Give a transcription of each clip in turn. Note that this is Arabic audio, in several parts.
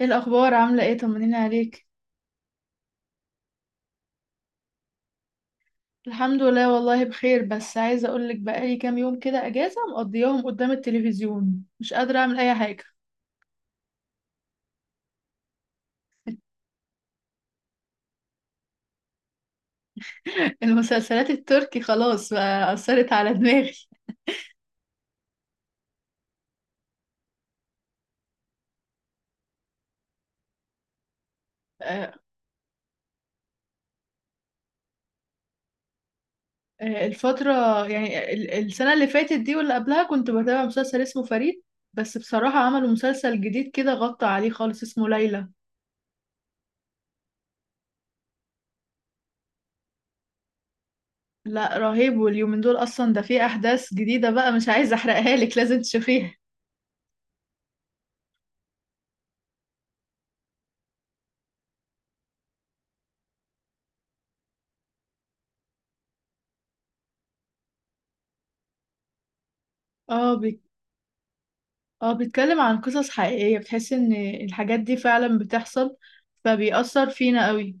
ايه الاخبار؟ عامله ايه؟ طمنيني عليك. الحمد لله والله بخير، بس عايزه اقولك بقالي كام يوم كده اجازه مقضياهم قدام التلفزيون، مش قادره اعمل اي حاجه. المسلسلات التركي خلاص بقى اثرت على دماغي. آه، الفتره، يعني السنه اللي فاتت دي واللي قبلها كنت بتابع مسلسل اسمه فريد. بس بصراحه عملوا مسلسل جديد كده غطى عليه خالص، اسمه ليلى. لا رهيب، واليومين دول اصلا ده فيه احداث جديده بقى، مش عايزه احرقها لك، لازم تشوفيها. اه اه، بيتكلم عن قصص حقيقية، بتحس ان الحاجات دي فعلا بتحصل، فبيأثر فينا قوي.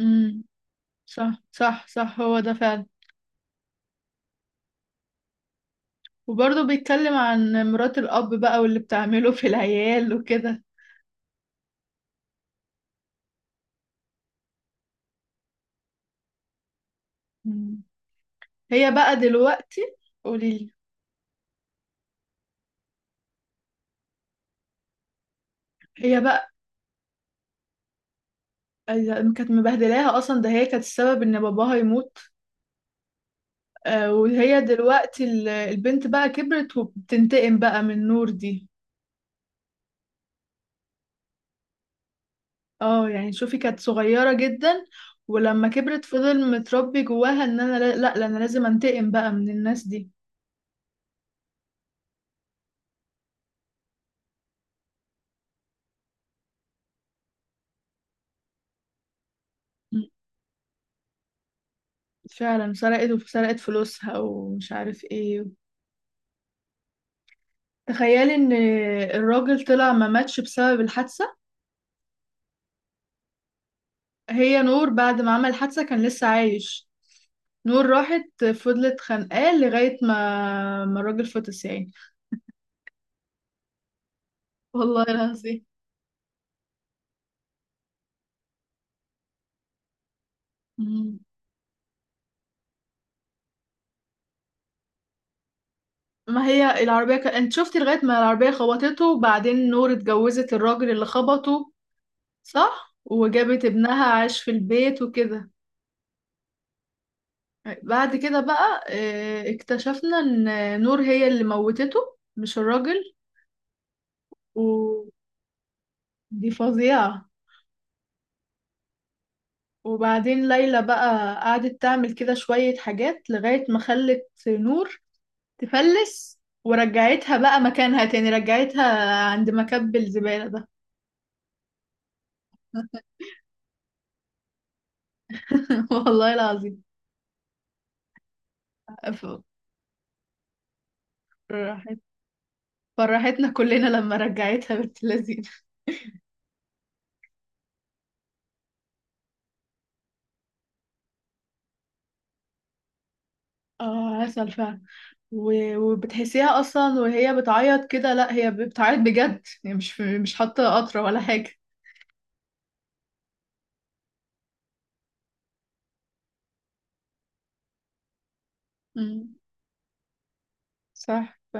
امم، صح صح صح، هو ده فعلا. وبرضه بيتكلم عن مرات الأب بقى واللي بتعمله في العيال وكده. مم. هي بقى دلوقتي. قوليلي. هي بقى، أيوة، كانت مبهدلاها، اصلا ده هي كانت السبب ان باباها يموت. آه، وهي دلوقتي البنت بقى كبرت وبتنتقم بقى من نور دي. اه يعني شوفي، كانت صغيرة جدا، ولما كبرت فضل متربي جواها ان انا لا لا لا، انا لازم انتقم بقى من الناس دي. م. فعلا سرقت وسرقت فلوسها ومش عارف ايه. تخيلي ان الراجل طلع ما ماتش بسبب الحادثة. هي نور بعد ما عمل الحادثة كان لسه عايش. نور راحت فضلت خانقاه لغاية ما الراجل فطس يعني. والله العظيم. مم. ما هي العربية انت شفتي لغاية ما العربية خبطته، وبعدين نور اتجوزت الراجل اللي خبطه، صح، وجابت ابنها عاش في البيت وكده. بعد كده بقى اكتشفنا ان نور هي اللي موتته، مش الراجل. ودي فظيعة. وبعدين ليلى بقى قعدت تعمل كده شوية حاجات لغاية ما خلت نور تفلس، ورجعتها بقى مكانها تاني، رجعتها عند مكب الزبالة ده. والله العظيم. فرحت، فرحتنا كلنا لما رجعتها بنت لذينه. اه عسل فعلا. وبتحسيها اصلا وهي بتعيط كده، لا هي بتعيط بجد، هي مش حاطه قطره ولا حاجه. امم صح.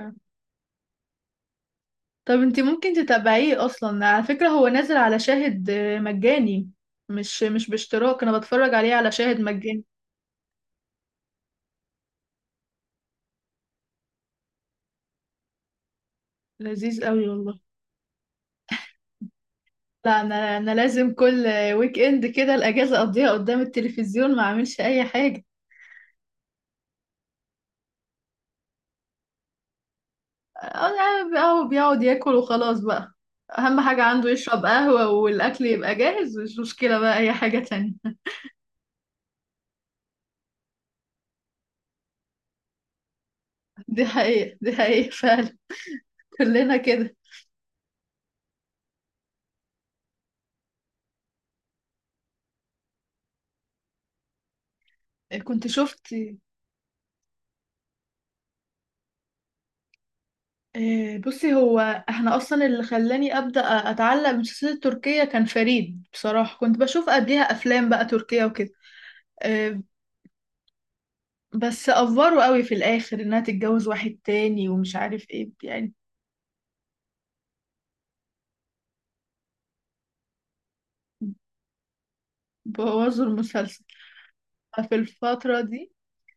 طب انتي ممكن تتابعيه اصلا، على فكره هو نازل على شاهد، مجاني، مش باشتراك، انا بتفرج عليه على شاهد مجاني. لذيذ قوي والله. لا، انا لازم كل ويك اند كده الاجازه اقضيها قدام التلفزيون، ما اعملش اي حاجه. اه يعني هو بيقعد ياكل وخلاص بقى، اهم حاجة عنده يشرب قهوة والاكل يبقى جاهز، مش مشكلة بقى اي حاجة تانية. دي حقيقة، دي حقيقة فعلا، كلنا كده. كنت شفت، بصي، هو احنا اصلا اللي خلاني ابدا اتعلق بالمسلسلات التركيه كان فريد، بصراحه كنت بشوف قبليها افلام بقى تركيه وكده. آه، بس افوروا قوي في الاخر انها تتجوز واحد تاني ومش عارف ايه يعني، بوظوا المسلسل. ففي الفتره دي،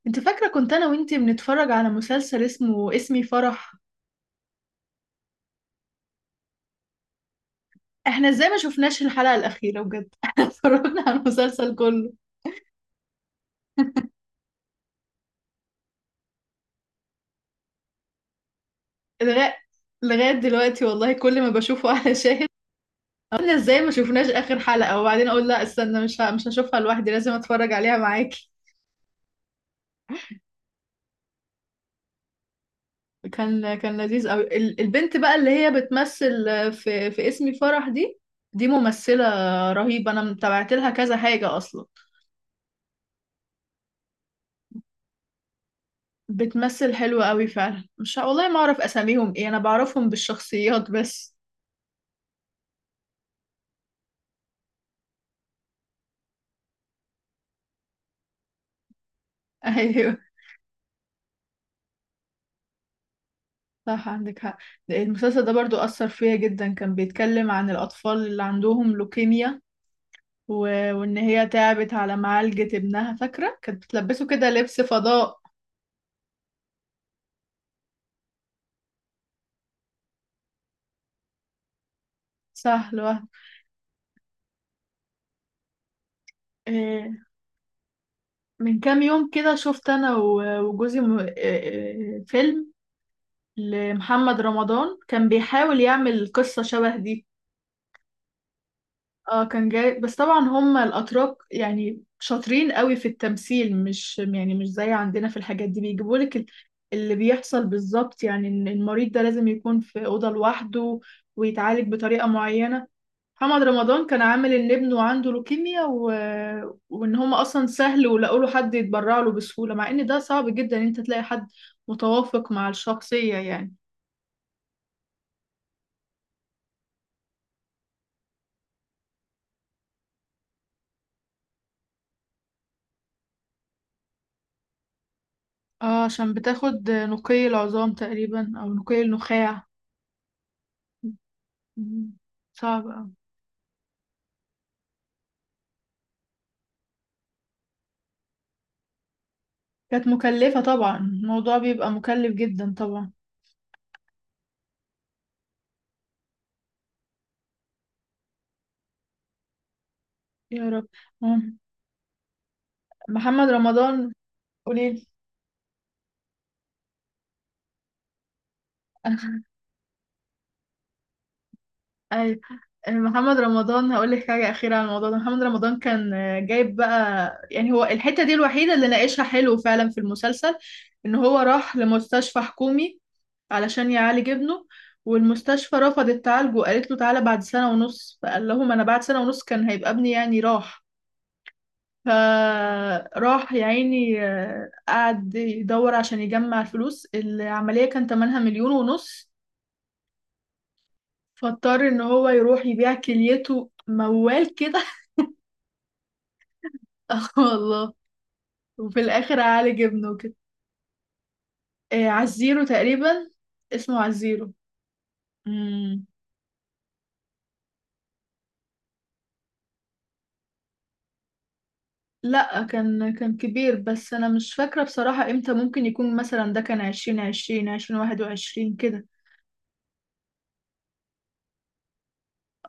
انت فاكرة كنت انا وانتي بنتفرج على مسلسل اسمه اسمي فرح؟ احنا ازاي ما شفناش الحلقة الأخيرة بجد؟ احنا اتفرجنا على المسلسل كله. لغاية لغاية دلوقتي والله، كل ما بشوفه على شاهد، احنا ازاي ما شفناش آخر حلقة؟ وبعدين اقول لا استنى، مش هشوفها لوحدي، لازم اتفرج عليها معاكي. كان لذيذ قوي، البنت بقى اللي هي بتمثل في اسمي فرح دي، دي ممثلة رهيبة، انا متابعت لها كذا حاجة اصلا. بتمثل حلو قوي فعلا، مش ه- والله ما اعرف اساميهم ايه، انا بعرفهم بالشخصيات بس. ايوه. صح عندك حق. ده المسلسل ده برضو اثر فيا جدا، كان بيتكلم عن الاطفال اللي عندهم لوكيميا و... وان هي تعبت على معالجة ابنها، فاكرة كانت بتلبسه كده لبس فضاء، صح، لوحده. إيه، من كام يوم كده شفت انا وجوزي م- إيه، إيه، فيلم لمحمد رمضان كان بيحاول يعمل قصة شبه دي. اه كان جاي، بس طبعا هم الاتراك يعني شاطرين قوي في التمثيل، مش يعني مش زي عندنا في الحاجات دي، بيجيبوا لك اللي بيحصل بالظبط، يعني إن المريض ده لازم يكون في اوضه لوحده ويتعالج بطريقه معينه. محمد رمضان كان عامل ان ابنه عنده لوكيميا وان هم اصلا سهل ولقوا له حد يتبرع له بسهوله، مع ان ده صعب جدا ان انت تلاقي حد متوافق مع الشخصيه يعني. اه عشان بتاخد نقي العظام تقريبا او نقي النخاع. مم. صعب أوي. كانت مكلفة طبعا، الموضوع بيبقى مكلف جدا طبعا. يا رب. مم. محمد رمضان. قوليلي. أيوة. محمد رمضان هقول لك حاجة أخيرة عن الموضوع ده. محمد رمضان كان جايب بقى، يعني هو الحتة دي الوحيدة اللي ناقشها حلو فعلا في المسلسل، إن هو راح لمستشفى حكومي علشان يعالج ابنه، والمستشفى رفضت تعالجه وقالت له تعالى بعد سنة ونص، فقال لهم أنا بعد سنة ونص كان هيبقى ابني يعني راح. فراح يا عيني، قعد يدور عشان يجمع الفلوس، العملية كان تمنها مليون ونص. فاضطر ان هو يروح يبيع كليته موال كده. اه والله. وفي الاخر عالج ابنه كده. عزيرو تقريبا، اسمه عزيرو. مم. لا، كان كبير، بس انا مش فاكرة بصراحة امتى، ممكن يكون مثلا ده كان عشرين عشرين، عشرين واحد وعشرين كده.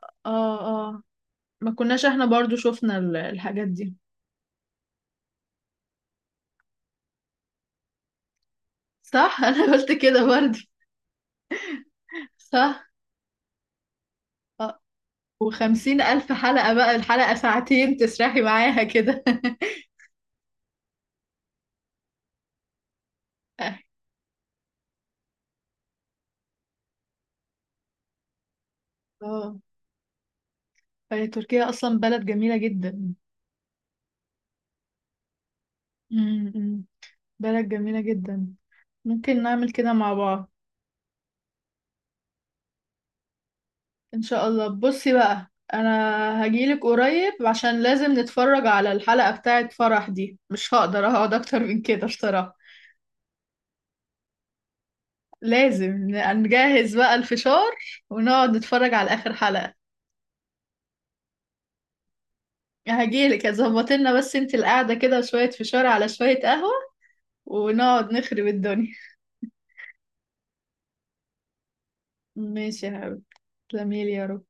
اه اه، ما كناش احنا برضو شفنا الحاجات دي. صح، انا قلت كده برضه. صح. آه. وخمسين الف حلقة بقى، الحلقة ساعتين تسرحي معاها كده. اه. فهي تركيا اصلا بلد جميلة جدا. امم، بلد جميلة جدا، ممكن نعمل كده مع بعض ان شاء الله. بصي بقى، انا هجيلك قريب عشان لازم نتفرج على الحلقة بتاعة فرح دي، مش هقدر اقعد اكتر من كده بصراحة. لازم نجهز بقى الفشار ونقعد نتفرج على اخر حلقة. هجيلك، ظبط لنا بس انت القعدة كده، وشوية فشار على شوية قهوة، ونقعد نخرب الدنيا. ماشي يا حبيبي، تسلميلي يا رب.